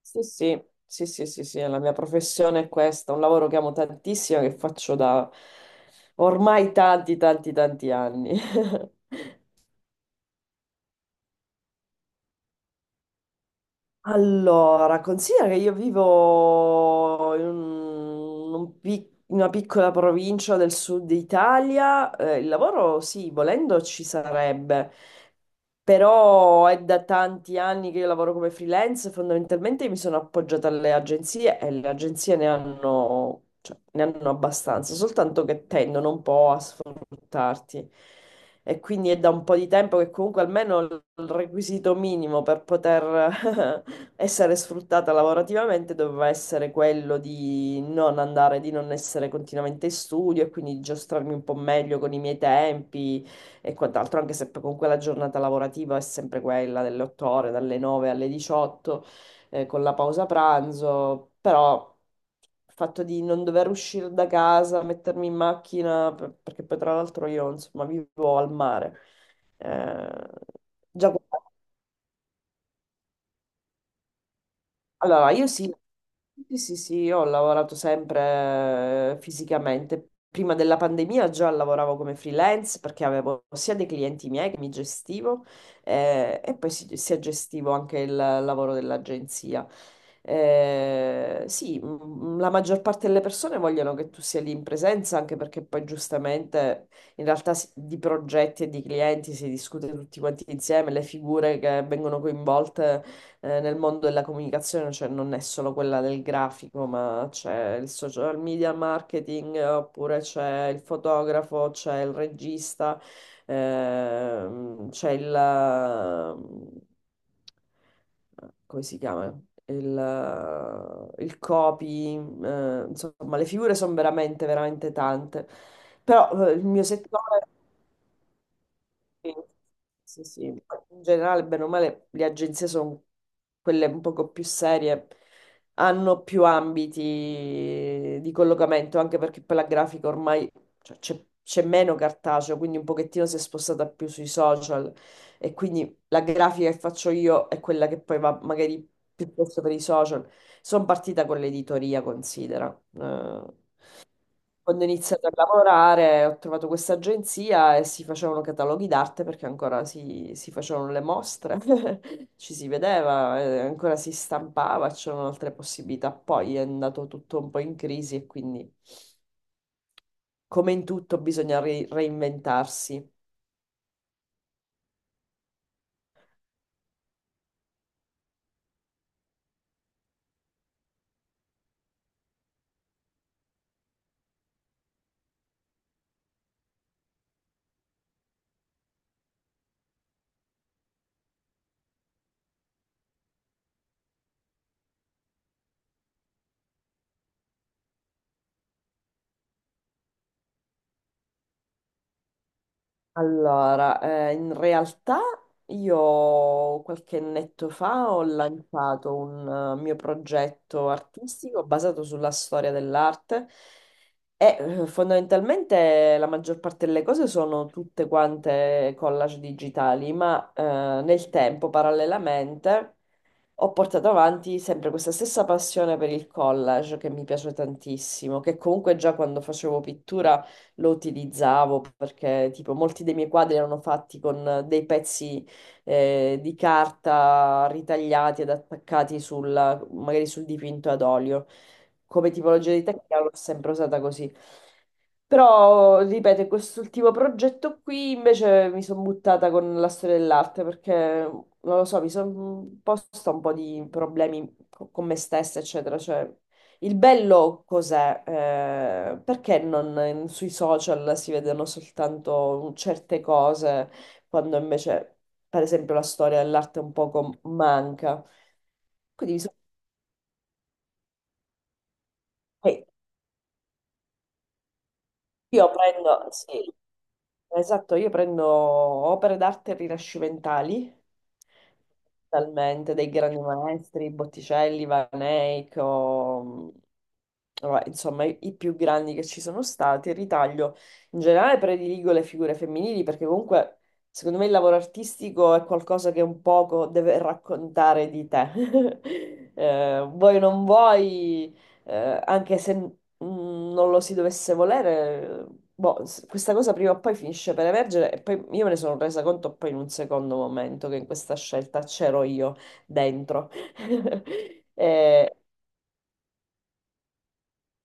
Sì, sì, sì, sì, sì, sì, la mia professione è questa, un lavoro che amo tantissimo, che faccio da ormai tanti, tanti, tanti anni. Allora, considera che io vivo in, in una piccola provincia del sud Italia, il lavoro sì, volendo ci sarebbe, però è da tanti anni che io lavoro come freelance. Fondamentalmente mi sono appoggiata alle agenzie e le agenzie ne hanno, cioè, ne hanno abbastanza, soltanto che tendono un po' a sfruttarti, e quindi è da un po' di tempo che comunque almeno il requisito minimo per poter essere sfruttata lavorativamente doveva essere quello di non andare, di non essere continuamente in studio e quindi di giostrarmi un po' meglio con i miei tempi e quant'altro, anche se poi comunque la giornata lavorativa è sempre quella delle 8 ore, dalle 9 alle 18, con la pausa pranzo. Però il fatto di non dover uscire da casa, mettermi in macchina, perché poi tra l'altro io, insomma, vivo al mare. Eh, Già. Allora, io sì, sì, sì, sì, io ho lavorato sempre fisicamente. Prima della pandemia già lavoravo come freelance perché avevo sia dei clienti miei che mi gestivo, e poi si, sia gestivo anche il lavoro dell'agenzia. Sì, la maggior parte delle persone vogliono che tu sia lì in presenza, anche perché poi giustamente in realtà di progetti e di clienti si discute tutti quanti insieme, le figure che vengono coinvolte nel mondo della comunicazione, cioè non è solo quella del grafico, ma c'è il social media marketing, oppure c'è il fotografo, c'è il regista, c'è il... come si chiama? Il copy, insomma, le figure sono veramente, veramente tante. Però il mio settore... Sì, sì, sì. In generale, bene o male, le agenzie sono quelle un poco più serie, hanno più ambiti di collocamento, anche perché poi la grafica ormai, cioè, c'è meno cartaceo, quindi un pochettino si è spostata più sui social, e quindi la grafica che faccio io è quella che poi va magari piuttosto per i social. Sono partita con l'editoria, considera. Quando ho iniziato a lavorare ho trovato questa agenzia e si facevano cataloghi d'arte perché ancora si facevano le mostre, ci si vedeva, ancora si stampava, c'erano altre possibilità. Poi è andato tutto un po' in crisi e quindi, come in tutto, bisogna reinventarsi. Allora, in realtà io qualche annetto fa ho lanciato un mio progetto artistico basato sulla storia dell'arte, e fondamentalmente la maggior parte delle cose sono tutte quante collage digitali, ma nel tempo, parallelamente, ho portato avanti sempre questa stessa passione per il collage che mi piace tantissimo, che comunque già quando facevo pittura lo utilizzavo perché tipo molti dei miei quadri erano fatti con dei pezzi di carta ritagliati ed attaccati magari sul dipinto ad olio. Come tipologia di tecnica l'ho sempre usata così. Però, ripeto, in quest'ultimo progetto qui invece mi sono buttata con la storia dell'arte perché non lo so, mi sono posta un po' di problemi con me stessa, eccetera. Cioè, il bello cos'è? Perché non sui social si vedono soltanto certe cose, quando invece, per esempio, la storia dell'arte un poco manca. Quindi mi sono- eh, io prendo, sì, Esatto, io prendo opere d'arte rinascimentali, talmente, dei grandi maestri, Botticelli, Van Eyck, vabbè, insomma i più grandi che ci sono stati, ritaglio. In generale prediligo le figure femminili perché comunque secondo me il lavoro artistico è qualcosa che un poco deve raccontare di te. Vuoi non vuoi, anche se non lo si dovesse volere, boh, questa cosa prima o poi finisce per emergere, e poi io me ne sono resa conto poi in un secondo momento che in questa scelta c'ero io dentro. Eh,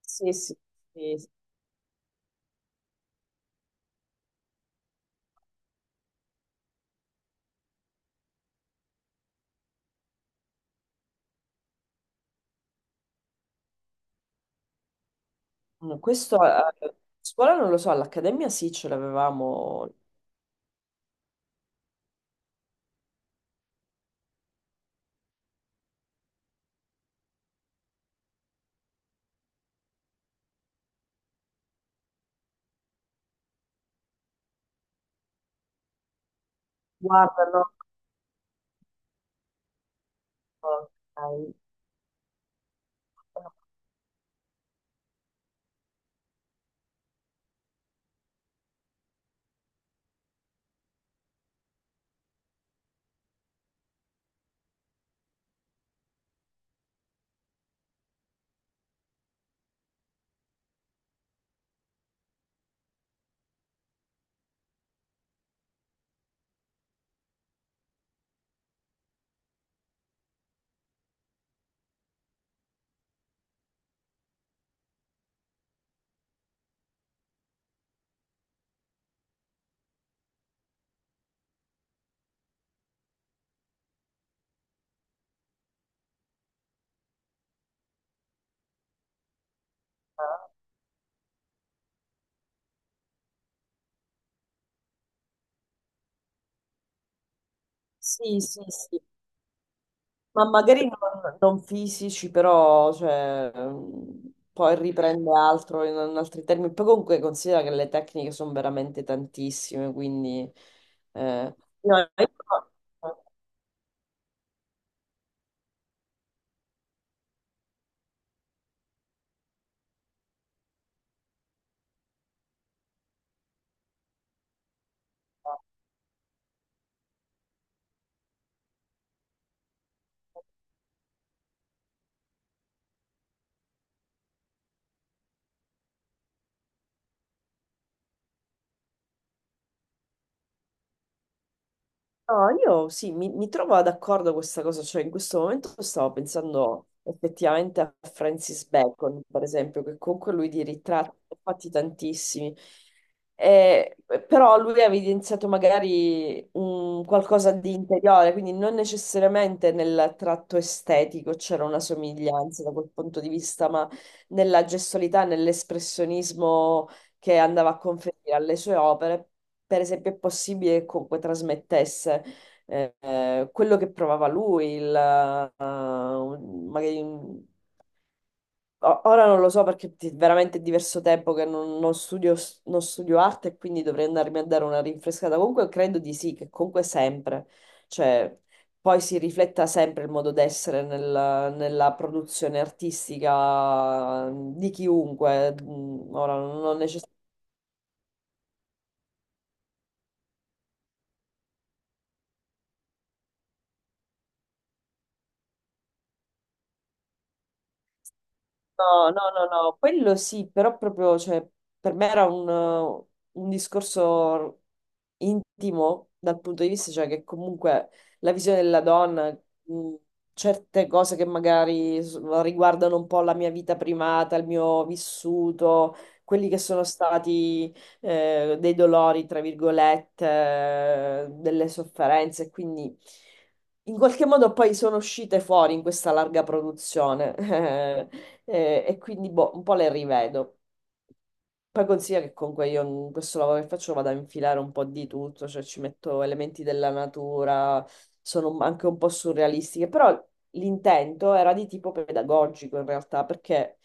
sì, sì, sì. Sì. Mm. Questo a scuola non lo so, all'accademia sì, ce l'avevamo. Guarda, no. Ok. Ah, sì, sì, sì. Ma magari non, non fisici, però cioè, poi riprende altro in, in altri termini. Poi comunque considera che le tecniche sono veramente tantissime, quindi... eh, no, io- No, io sì, mi trovo d'accordo con questa cosa, cioè in questo momento stavo pensando effettivamente a Francis Bacon, per esempio, che comunque lui di ritratti ne ha fatti tantissimi. Eh, però lui ha evidenziato magari un qualcosa di interiore, quindi non necessariamente nel tratto estetico c'era una somiglianza da quel punto di vista, ma nella gestualità, nell'espressionismo che andava a conferire alle sue opere, per esempio, è possibile che comunque trasmettesse quello che provava lui, il, ora non lo so perché veramente è diverso tempo che non, non studio, non studio arte e quindi dovrei andarmi a dare una rinfrescata. Comunque credo di sì, che comunque sempre, cioè poi si rifletta sempre il modo d'essere nella produzione artistica di chiunque. Mm, ora non necessariamente. No, no, no, no, quello sì, però proprio, cioè, per me era un discorso intimo dal punto di vista, cioè, che comunque la visione della donna, mh, certe cose che magari riguardano un po' la mia vita privata, il mio vissuto, quelli che sono stati dei dolori, tra virgolette, delle sofferenze, quindi... In qualche modo poi sono uscite fuori in questa larga produzione. E quindi boh, un po' le rivedo. Poi consiglia che comunque io in questo lavoro che faccio vado a infilare un po' di tutto, cioè ci metto elementi della natura, sono anche un po' surrealistiche, però l'intento era di tipo pedagogico in realtà, perché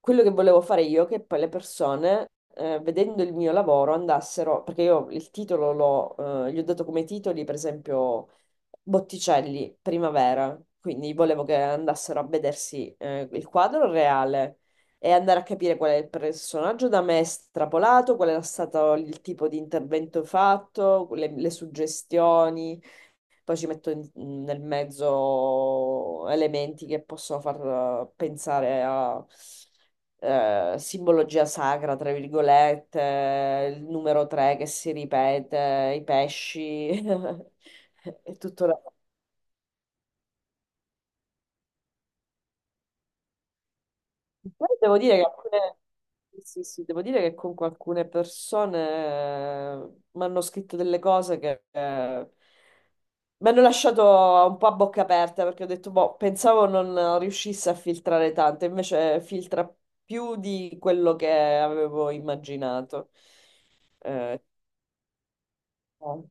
quello che volevo fare io è che poi le persone, vedendo il mio lavoro, andassero, perché io il titolo l'ho, gli ho dato come titoli, per esempio Botticelli, Primavera, quindi volevo che andassero a vedersi il quadro reale e andare a capire qual è il personaggio da me strapolato, qual era stato il tipo di intervento fatto, le suggestioni, poi ci metto in- nel mezzo elementi che possono far pensare a... simbologia sacra, tra virgolette, il numero 3 che si ripete, i pesci, e tutto là. Poi devo dire che alcune- Sì, sì, devo dire che con alcune persone mi hanno scritto delle cose che mi hanno lasciato un po' a bocca aperta perché ho detto, boh, pensavo non riuscisse a filtrare tanto, invece filtra più di quello che avevo immaginato. Eh, no,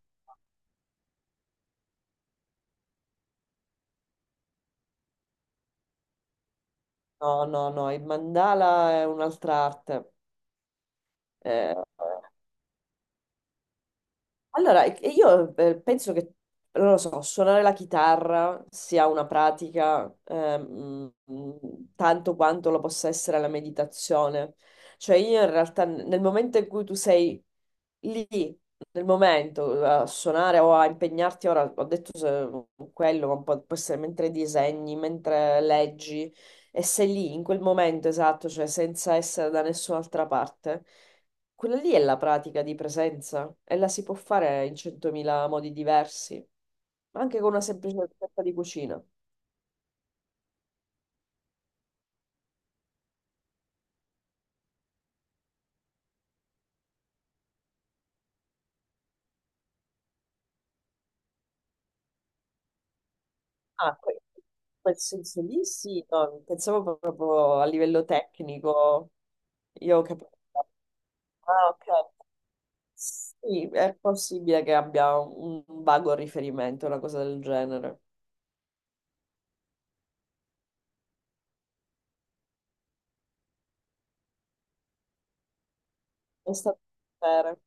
no, no, il mandala è un'altra arte. Eh, Allora, io penso che, non lo so, suonare la chitarra sia una pratica tanto quanto lo possa essere la meditazione. Cioè io in realtà nel momento in cui tu sei lì, nel momento a suonare o a impegnarti, ora ho detto quello, ma può, può essere mentre disegni, mentre leggi, e sei lì in quel momento esatto, cioè senza essere da nessun'altra parte. Quella lì è la pratica di presenza e la si può fare in centomila modi diversi, ma anche con una semplice ricetta di cucina. Ah, que- Quel senso lì sì, no, pensavo proprio a livello tecnico, io ho capito. Ah, ok. Sì, è possibile che abbia un vago riferimento, una cosa del genere. È stato un piacere.